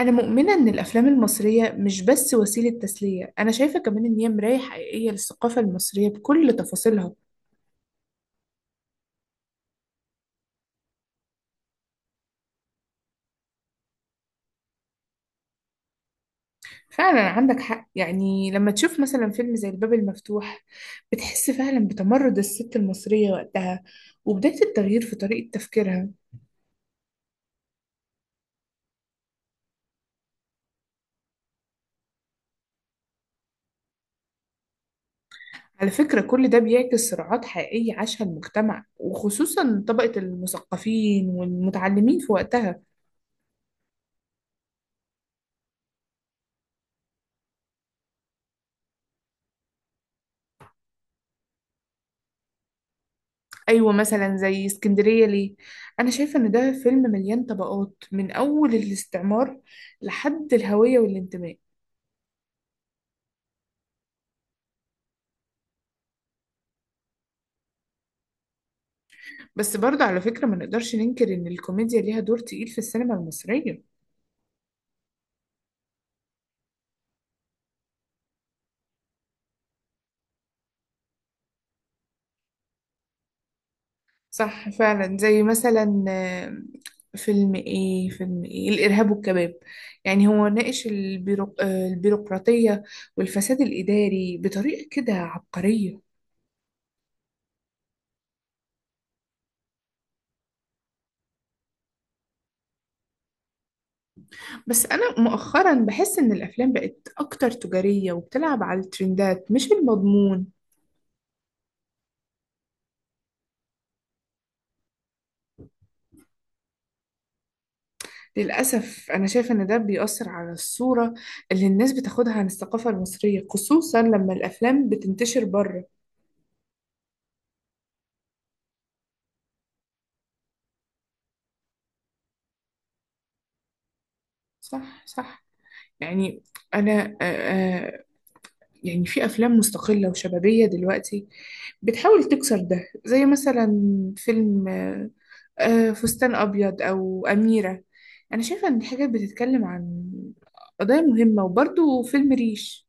أنا مؤمنة إن الأفلام المصرية مش بس وسيلة تسلية، أنا شايفة كمان إن هي مراية حقيقية للثقافة المصرية بكل تفاصيلها. فعلا عندك حق، يعني لما تشوف مثلا فيلم زي الباب المفتوح بتحس فعلا بتمرد الست المصرية وقتها وبداية التغيير في طريقة تفكيرها. على فكرة كل ده بيعكس صراعات حقيقية عاشها المجتمع وخصوصا طبقة المثقفين والمتعلمين في وقتها. ايوه مثلا زي اسكندريه ليه، انا شايفه ان ده فيلم مليان طبقات من اول الاستعمار لحد الهويه والانتماء. بس برضه على فكره ما نقدرش ننكر ان الكوميديا ليها دور تقيل في السينما المصريه. صح فعلا، زي مثلا فيلم الارهاب والكباب. يعني هو ناقش البيروقراطيه والفساد الاداري بطريقه كده عبقريه. بس أنا مؤخرا بحس إن الأفلام بقت أكتر تجارية وبتلعب على الترندات مش المضمون. للأسف أنا شايفة إن ده بيأثر على الصورة اللي الناس بتاخدها عن الثقافة المصرية خصوصا لما الأفلام بتنتشر بره. صح، صح. يعني أنا، يعني في أفلام مستقلة وشبابية دلوقتي بتحاول تكسر ده زي مثلا فيلم فستان أبيض أو أميرة. أنا شايفة إن الحاجات بتتكلم عن قضايا مهمة وبرضه فيلم ريش.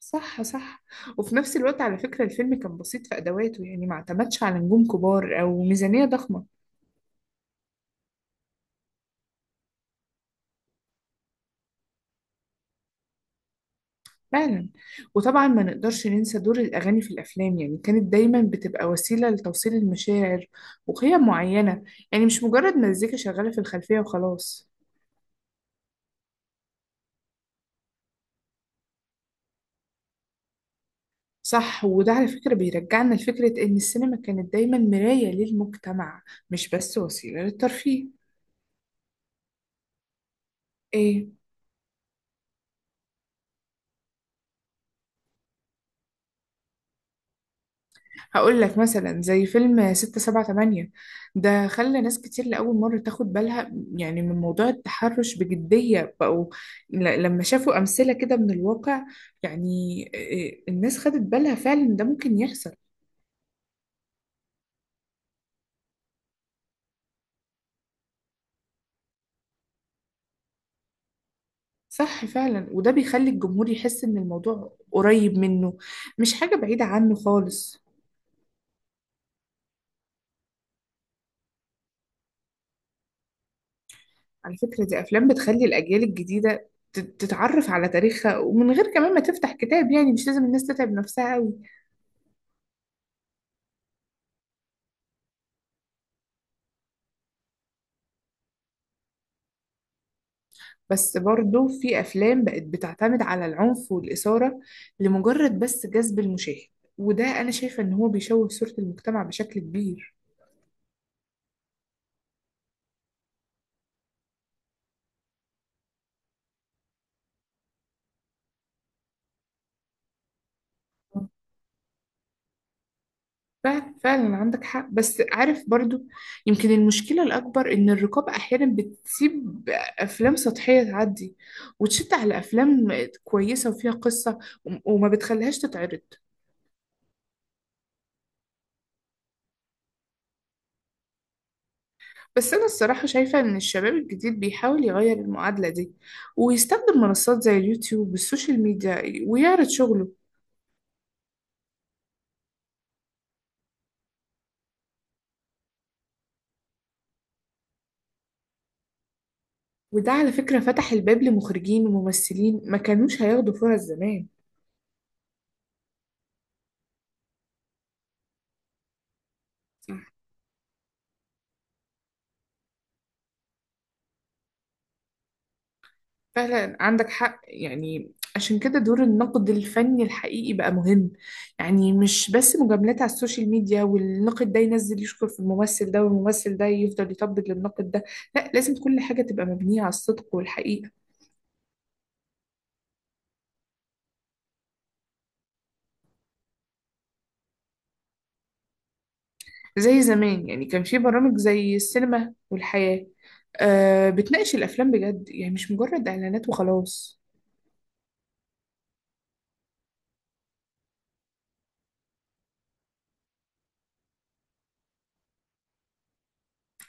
صح، صح. وفي نفس الوقت على فكرة الفيلم كان بسيط في أدواته يعني ما اعتمدش على نجوم كبار أو ميزانية ضخمة. فعلا. وطبعا ما نقدرش ننسى دور الأغاني في الأفلام، يعني كانت دايما بتبقى وسيلة لتوصيل المشاعر وقيم معينة، يعني مش مجرد مزيكا شغالة في الخلفية وخلاص. صح. وده على فكرة بيرجعنا لفكرة إن السينما كانت دايما مراية للمجتمع مش بس وسيلة للترفيه. إيه؟ هقول لك مثلا زي فيلم ستة سبعة تمانية، ده خلى ناس كتير لأول مرة تاخد بالها يعني من موضوع التحرش بجدية بقوا لما شافوا أمثلة كده من الواقع. يعني إيه، الناس خدت بالها فعلا ده ممكن يحصل. صح فعلا. وده بيخلي الجمهور يحس إن الموضوع قريب منه مش حاجة بعيدة عنه خالص. على فكرة دي أفلام بتخلي الأجيال الجديدة تتعرف على تاريخها ومن غير كمان ما تفتح كتاب، يعني مش لازم الناس تتعب نفسها أوي. بس برضه في أفلام بقت بتعتمد على العنف والإثارة لمجرد بس جذب المشاهد، وده أنا شايفة إن هو بيشوه صورة المجتمع بشكل كبير. فعلا، فعلا عندك حق. بس عارف برضو يمكن المشكلة الأكبر إن الرقابة أحيانا بتسيب أفلام سطحية تعدي وتشد على أفلام كويسة وفيها قصة، وما بتخليهاش تتعرض. بس أنا الصراحة شايفة إن الشباب الجديد بيحاول يغير المعادلة دي ويستخدم منصات زي اليوتيوب والسوشيال ميديا ويعرض شغله. وده على فكرة فتح الباب لمخرجين وممثلين ما كانوش هياخدوا فرص زمان. صح فعلا عندك حق. يعني عشان كده دور النقد الفني الحقيقي بقى مهم، يعني مش بس مجاملات على السوشيال ميديا والناقد ده ينزل يشكر في الممثل ده والممثل ده يفضل يطبل للناقد ده. لا، لازم كل حاجة تبقى مبنية على الصدق والحقيقة. زي زمان يعني كان في برامج زي السينما والحياة، بتناقش الأفلام بجد، يعني مش مجرد إعلانات وخلاص.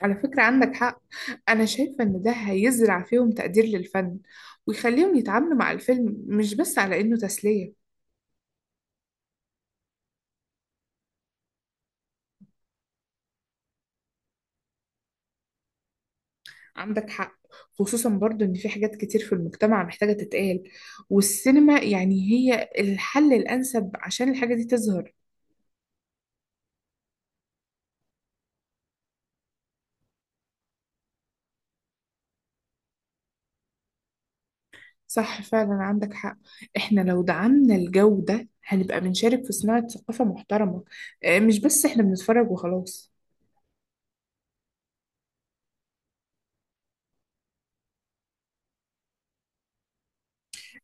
على فكرة عندك حق، أنا شايفة إن ده هيزرع فيهم تقدير للفن ويخليهم يتعاملوا مع الفيلم مش بس على إنه تسلية. عندك حق، خصوصا برضو إن في حاجات كتير في المجتمع محتاجة تتقال، والسينما يعني هي الحل الأنسب عشان الحاجة دي تظهر. صح فعلا عندك حق. احنا لو دعمنا الجو ده هنبقى بنشارك في صناعة ثقافة محترمة، مش بس احنا بنتفرج وخلاص.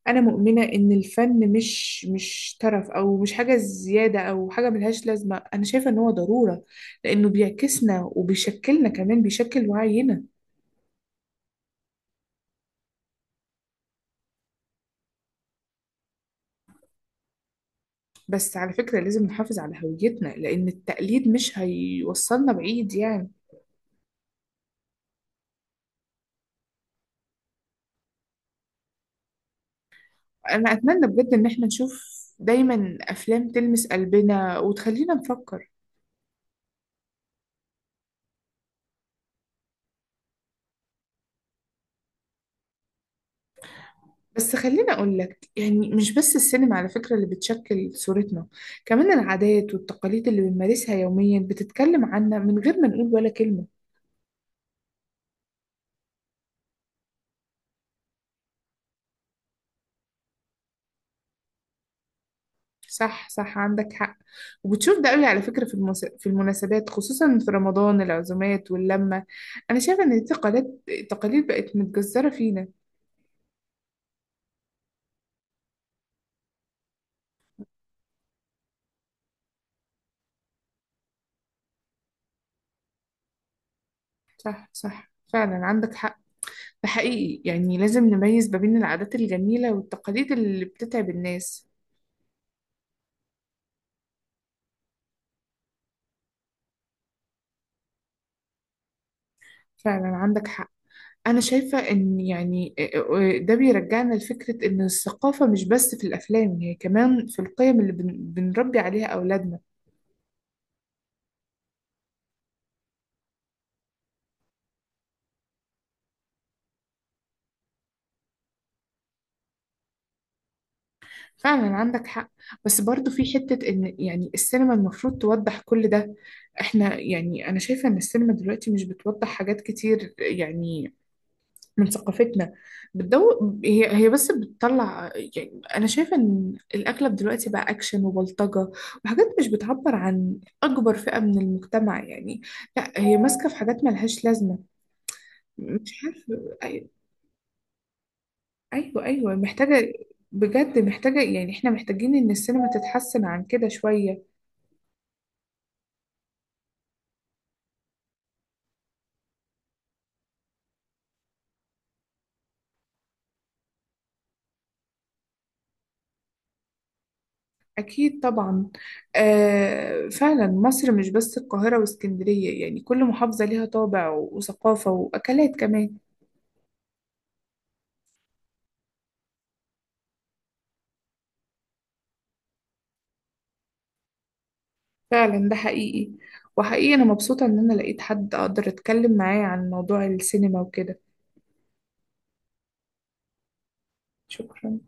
انا مؤمنة ان الفن مش ترف او مش حاجة زيادة او حاجة ملهاش لازمة، انا شايفة ان هو ضرورة لانه بيعكسنا وبيشكلنا، كمان بيشكل وعينا. بس على فكرة لازم نحافظ على هويتنا لان التقليد مش هيوصلنا بعيد يعني. انا اتمنى بجد ان احنا نشوف دايما افلام تلمس قلبنا وتخلينا نفكر. بس خليني أقول لك، يعني مش بس السينما على فكرة اللي بتشكل صورتنا، كمان العادات والتقاليد اللي بنمارسها يوميا بتتكلم عنا من غير ما نقول ولا كلمة. صح، صح عندك حق. وبتشوف ده قوي على فكرة في في المناسبات، خصوصا في رمضان، العزومات واللمة. أنا شايفة إن التقاليد التقاليد بقت متجذرة فينا. صح، صح فعلا عندك حق. ده حقيقي يعني لازم نميز ما بين العادات الجميلة والتقاليد اللي بتتعب الناس. فعلا عندك حق. أنا شايفة إن يعني ده بيرجعنا لفكرة إن الثقافة مش بس في الأفلام، هي كمان في القيم اللي بنربي عليها أولادنا. فعلا عندك حق. بس برضو في حتة إن يعني السينما المفروض توضح كل ده. إحنا يعني أنا شايفة إن السينما دلوقتي مش بتوضح حاجات كتير يعني من ثقافتنا. بتدو هي بس بتطلع، يعني انا شايفه ان الاغلب دلوقتي بقى اكشن وبلطجه وحاجات مش بتعبر عن اكبر فئه من المجتمع يعني. لا هي ماسكه في حاجات ملهاش لازمه، مش عارفه. ايوه، ايوه محتاجه. بجد محتاجه، يعني احنا محتاجين ان السينما تتحسن عن كده شويه. اكيد طبعا. آه فعلا، مصر مش بس القاهره واسكندريه، يعني كل محافظه ليها طابع وثقافه واكلات كمان. فعلا ده حقيقي. وحقيقي أنا مبسوطة إن أنا لقيت حد أقدر أتكلم معاه عن موضوع السينما وكده. شكرا.